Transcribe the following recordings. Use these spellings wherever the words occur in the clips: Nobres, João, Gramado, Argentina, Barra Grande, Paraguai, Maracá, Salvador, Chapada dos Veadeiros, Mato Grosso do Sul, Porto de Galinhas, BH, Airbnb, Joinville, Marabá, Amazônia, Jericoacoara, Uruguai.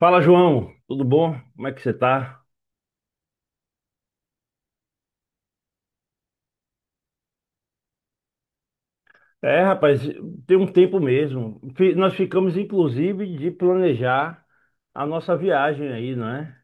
Fala, João, tudo bom? Como é que você tá? É, rapaz, tem um tempo mesmo. Nós ficamos, inclusive, de planejar a nossa viagem aí, não é?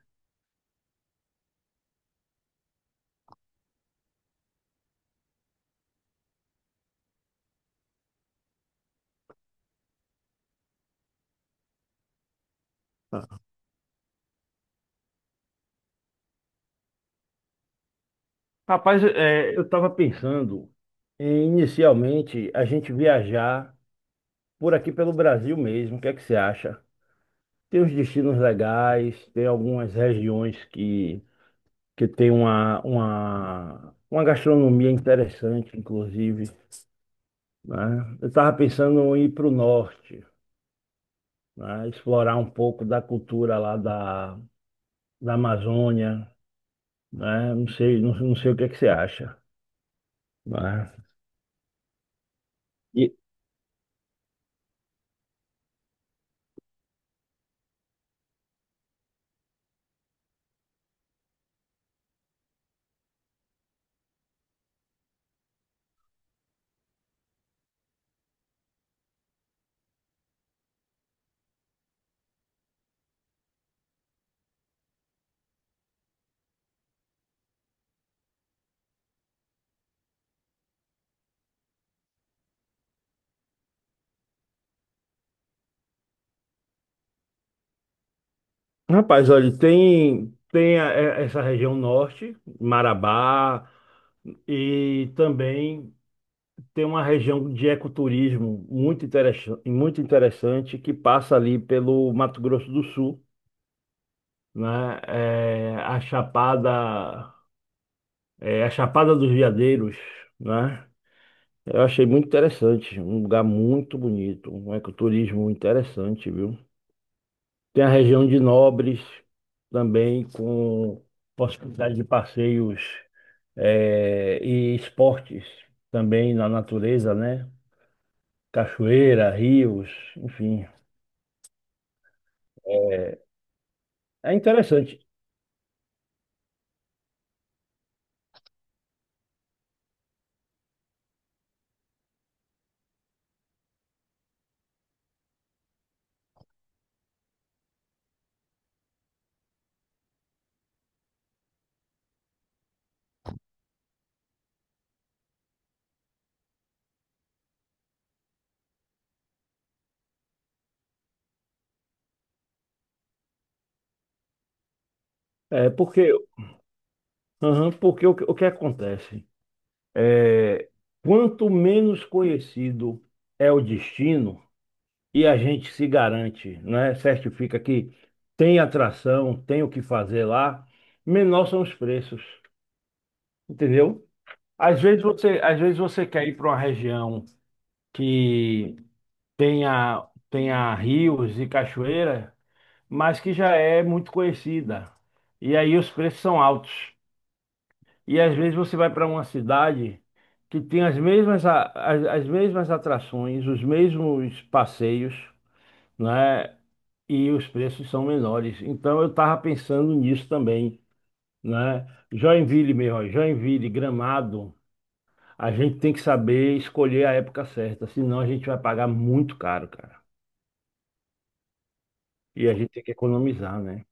Eu estava pensando em, inicialmente, a gente viajar por aqui pelo Brasil mesmo. O que é que você acha? Tem uns destinos legais, tem algumas regiões que tem uma gastronomia interessante, inclusive, né? Eu estava pensando em ir para o norte. Né? Explorar um pouco da cultura lá da Amazônia, né? Não sei, não sei o que é que você acha, né? E, rapaz, olha, tem essa região norte, Marabá, e também tem uma região de ecoturismo muito interessante que passa ali pelo Mato Grosso do Sul, né? A Chapada, a Chapada dos Veadeiros, né? Eu achei muito interessante, um lugar muito bonito, um ecoturismo interessante, viu? Tem a região de Nobres também, com possibilidade de passeios e esportes também na natureza, né? Cachoeira, rios, enfim. É interessante, é, porque, aham, porque o que acontece? É, quanto menos conhecido é o destino, e a gente se garante, né? Certifica que tem atração, tem o que fazer lá, menor são os preços, entendeu? Às vezes você quer ir para uma região que tenha rios e cachoeira, mas que já é muito conhecida. E aí os preços são altos. E às vezes você vai para uma cidade que tem as mesmas atrações, os mesmos passeios, né? E os preços são menores. Então eu estava pensando nisso também, né? Joinville, meu, ó, Joinville, Gramado, a gente tem que saber escolher a época certa, senão a gente vai pagar muito caro, cara. E a gente tem que economizar, né?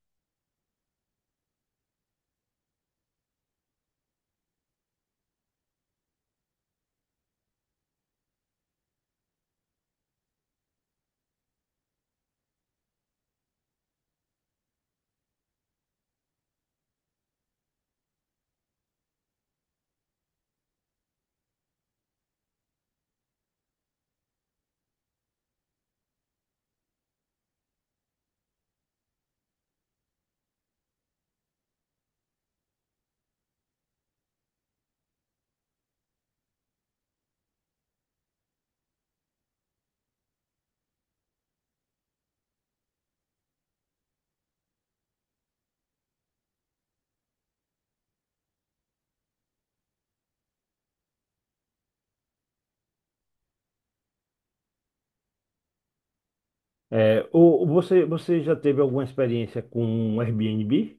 É, você já teve alguma experiência com um Airbnb?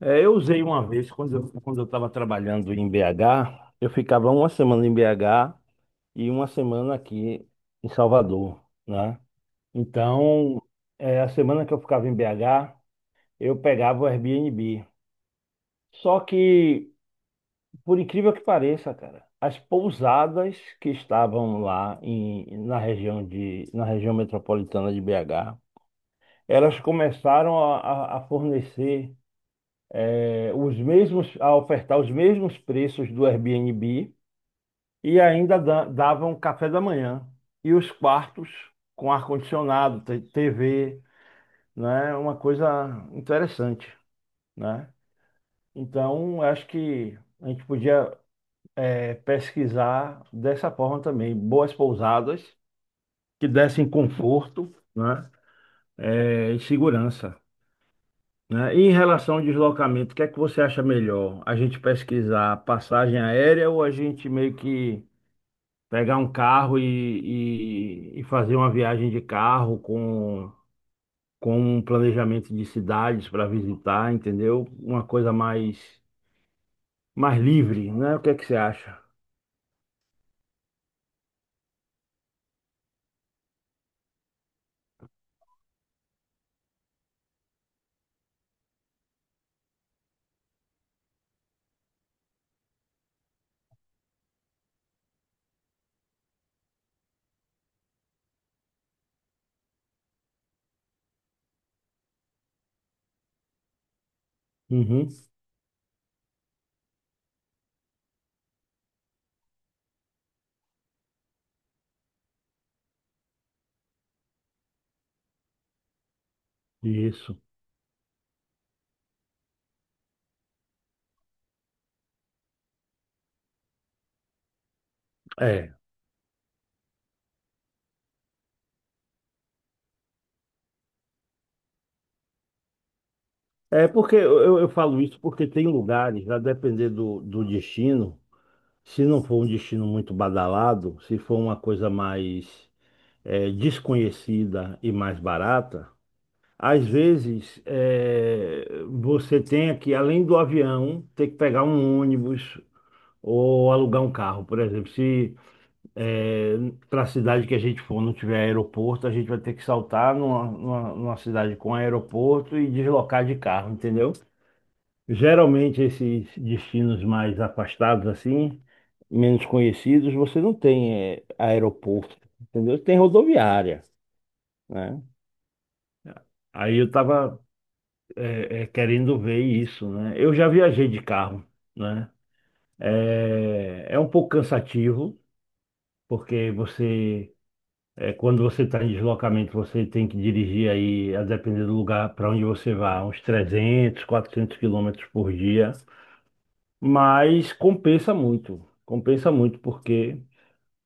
É, eu usei uma vez quando eu estava trabalhando em BH, eu ficava uma semana em BH e uma semana aqui em Salvador, né? Então, é, a semana que eu ficava em BH, eu pegava o Airbnb. Só que, por incrível que pareça, cara, as pousadas que estavam lá na região na região metropolitana de BH, elas começaram a fornecer a ofertar os mesmos preços do Airbnb e ainda davam café da manhã e os quartos com ar-condicionado, TV, né? Uma coisa interessante. Né? Então, acho que a gente podia pesquisar dessa forma também, boas pousadas que dessem conforto, né? eh, e segurança, né? E em relação ao deslocamento, o que é que você acha melhor? A gente pesquisar passagem aérea ou a gente meio que pegar um carro e fazer uma viagem de carro com um planejamento de cidades para visitar, entendeu? Uma coisa mais livre, né? O que é que você acha? Uhum, isso. É. É porque eu falo isso porque tem lugares, a depender do destino, se não for um destino muito badalado, se for uma coisa mais desconhecida e mais barata, às vezes é, você tem que, além do avião, ter que pegar um ônibus ou alugar um carro, por exemplo. Se para a cidade que a gente for, não tiver aeroporto, a gente vai ter que saltar numa cidade com aeroporto e deslocar de carro, entendeu? Geralmente esses destinos mais afastados assim, menos conhecidos, você não tem aeroporto, entendeu? Tem rodoviária, né? Aí eu estava querendo ver isso, né? Eu já viajei de carro, né? É, é um pouco cansativo, porque quando você está em deslocamento, você tem que dirigir aí, a depender do lugar para onde você vai, uns 300 a 400 km por dia. Mas compensa muito, porque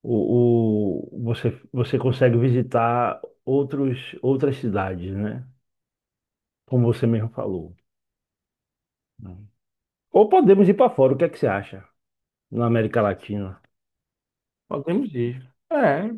você consegue visitar outras cidades, né? Como você mesmo falou. Né? Ou podemos ir para fora, o que é que você acha? Na América Latina. Podemos ir. É.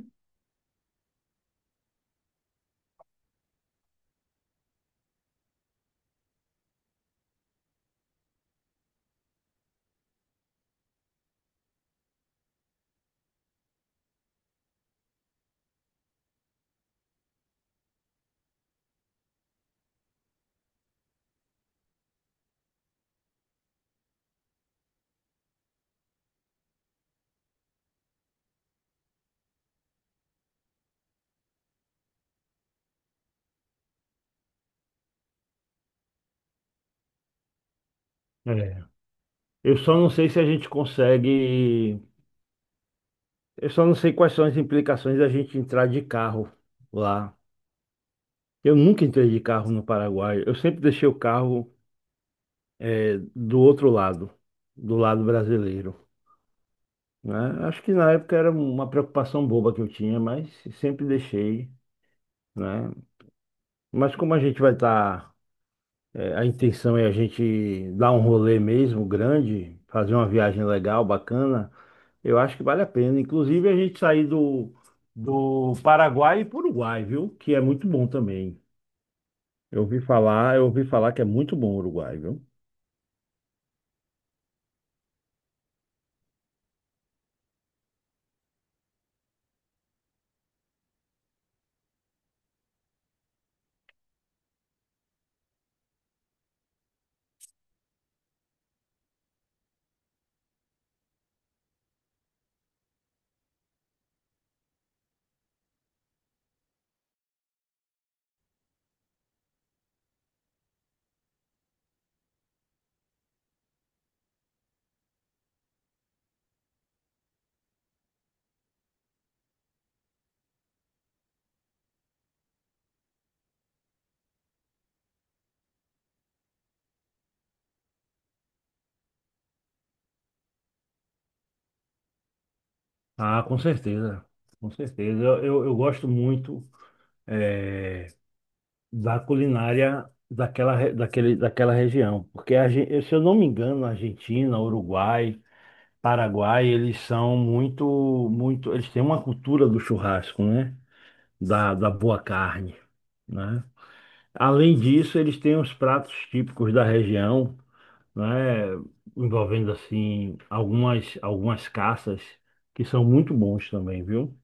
É. Eu só não sei se a gente consegue. Eu só não sei quais são as implicações da gente entrar de carro lá. Eu nunca entrei de carro no Paraguai. Eu sempre deixei o carro do outro lado, do lado brasileiro, né? Acho que na época era uma preocupação boba que eu tinha, mas sempre deixei, né? Mas como a gente vai estar, a intenção é a gente dar um rolê mesmo grande, fazer uma viagem legal, bacana, eu acho que vale a pena. Inclusive a gente sair do Paraguai e para o Uruguai, viu? Que é muito bom também. Eu ouvi falar que é muito bom o Uruguai, viu? Ah, com certeza, com certeza. Eu gosto muito da culinária daquela região, porque se eu não me engano, Argentina, Uruguai, Paraguai, eles são eles têm uma cultura do churrasco, né? Da boa carne, né? Além disso, eles têm os pratos típicos da região, né, envolvendo assim algumas caças que são muito bons também, viu?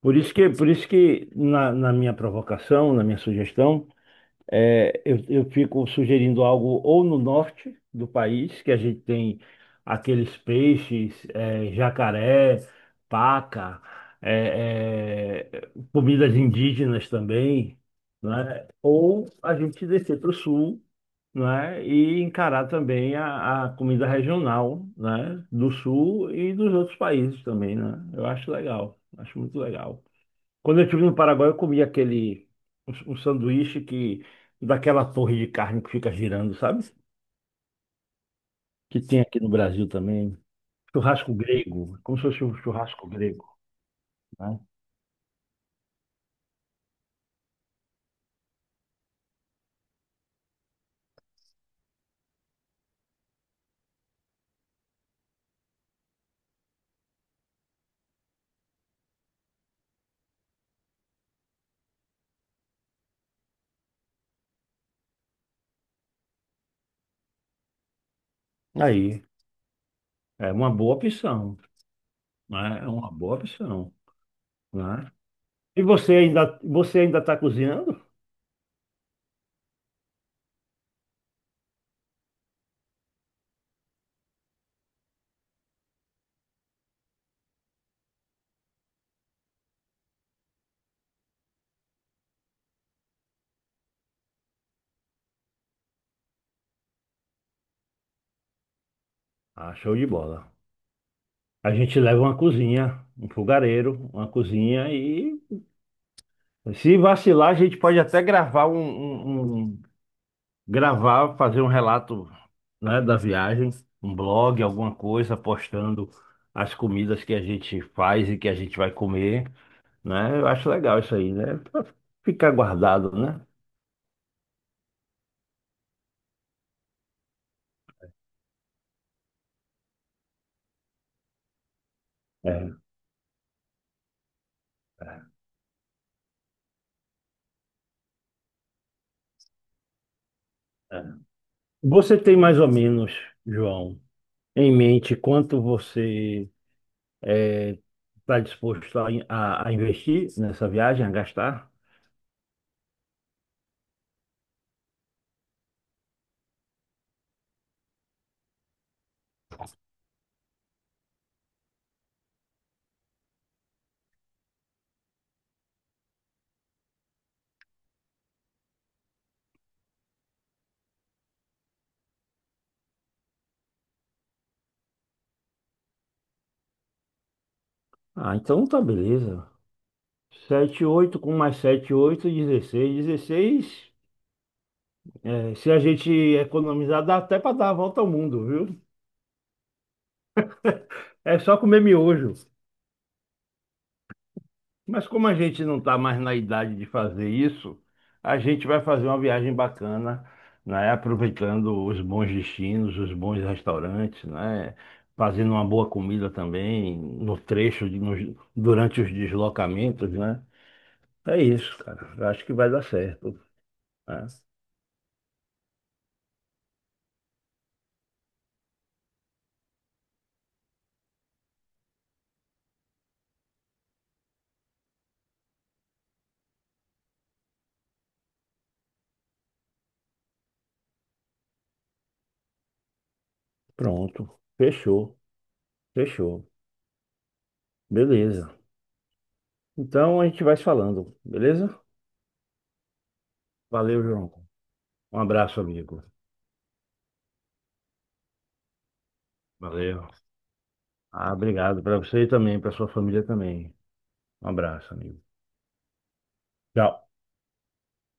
Por isso que na minha provocação, na minha sugestão, eu fico sugerindo algo ou no norte do país, que a gente tem aqueles peixes, é, jacaré, paca, comidas indígenas também, né? Ou a gente descer para o sul, né? E encarar também a comida regional, né? Do sul e dos outros países também, né? Eu acho legal, acho muito legal. Quando eu estive no Paraguai, eu comi um sanduíche, que daquela torre de carne que fica girando, sabe? Que tem aqui no Brasil também. Churrasco grego, como se fosse um churrasco grego, né? Aí, é uma boa opção, né? É uma boa opção, né? E você ainda está cozinhando? Ah, show de bola. A gente leva uma cozinha, um fogareiro, uma cozinha e se vacilar, a gente pode até gravar, fazer um relato, né, da viagem, um blog, alguma coisa, postando as comidas que a gente faz e que a gente vai comer, né? Eu acho legal isso aí, né? Pra ficar guardado, né? É. É. é. Você tem mais ou menos, João, em mente quanto você está disposto a investir nessa viagem, a gastar? Ah, então tá beleza. 7 ou 8 mil com mais 7 ou 8 mil, 16 mil, 16 mil. É, se a gente economizar, dá até para dar a volta ao mundo, viu? É só comer miojo. Mas como a gente não tá mais na idade de fazer isso, a gente vai fazer uma viagem bacana, né? Aproveitando os bons destinos, os bons restaurantes, né? Fazendo uma boa comida também no trecho, durante os deslocamentos, né? É isso, cara. Eu acho que vai dar certo. Né? Pronto. Fechou. Fechou. Beleza. Então a gente vai se falando, beleza? Valeu, João. Um abraço, amigo. Valeu. Ah, obrigado para você e também, para sua família também. Um abraço, amigo. Tchau.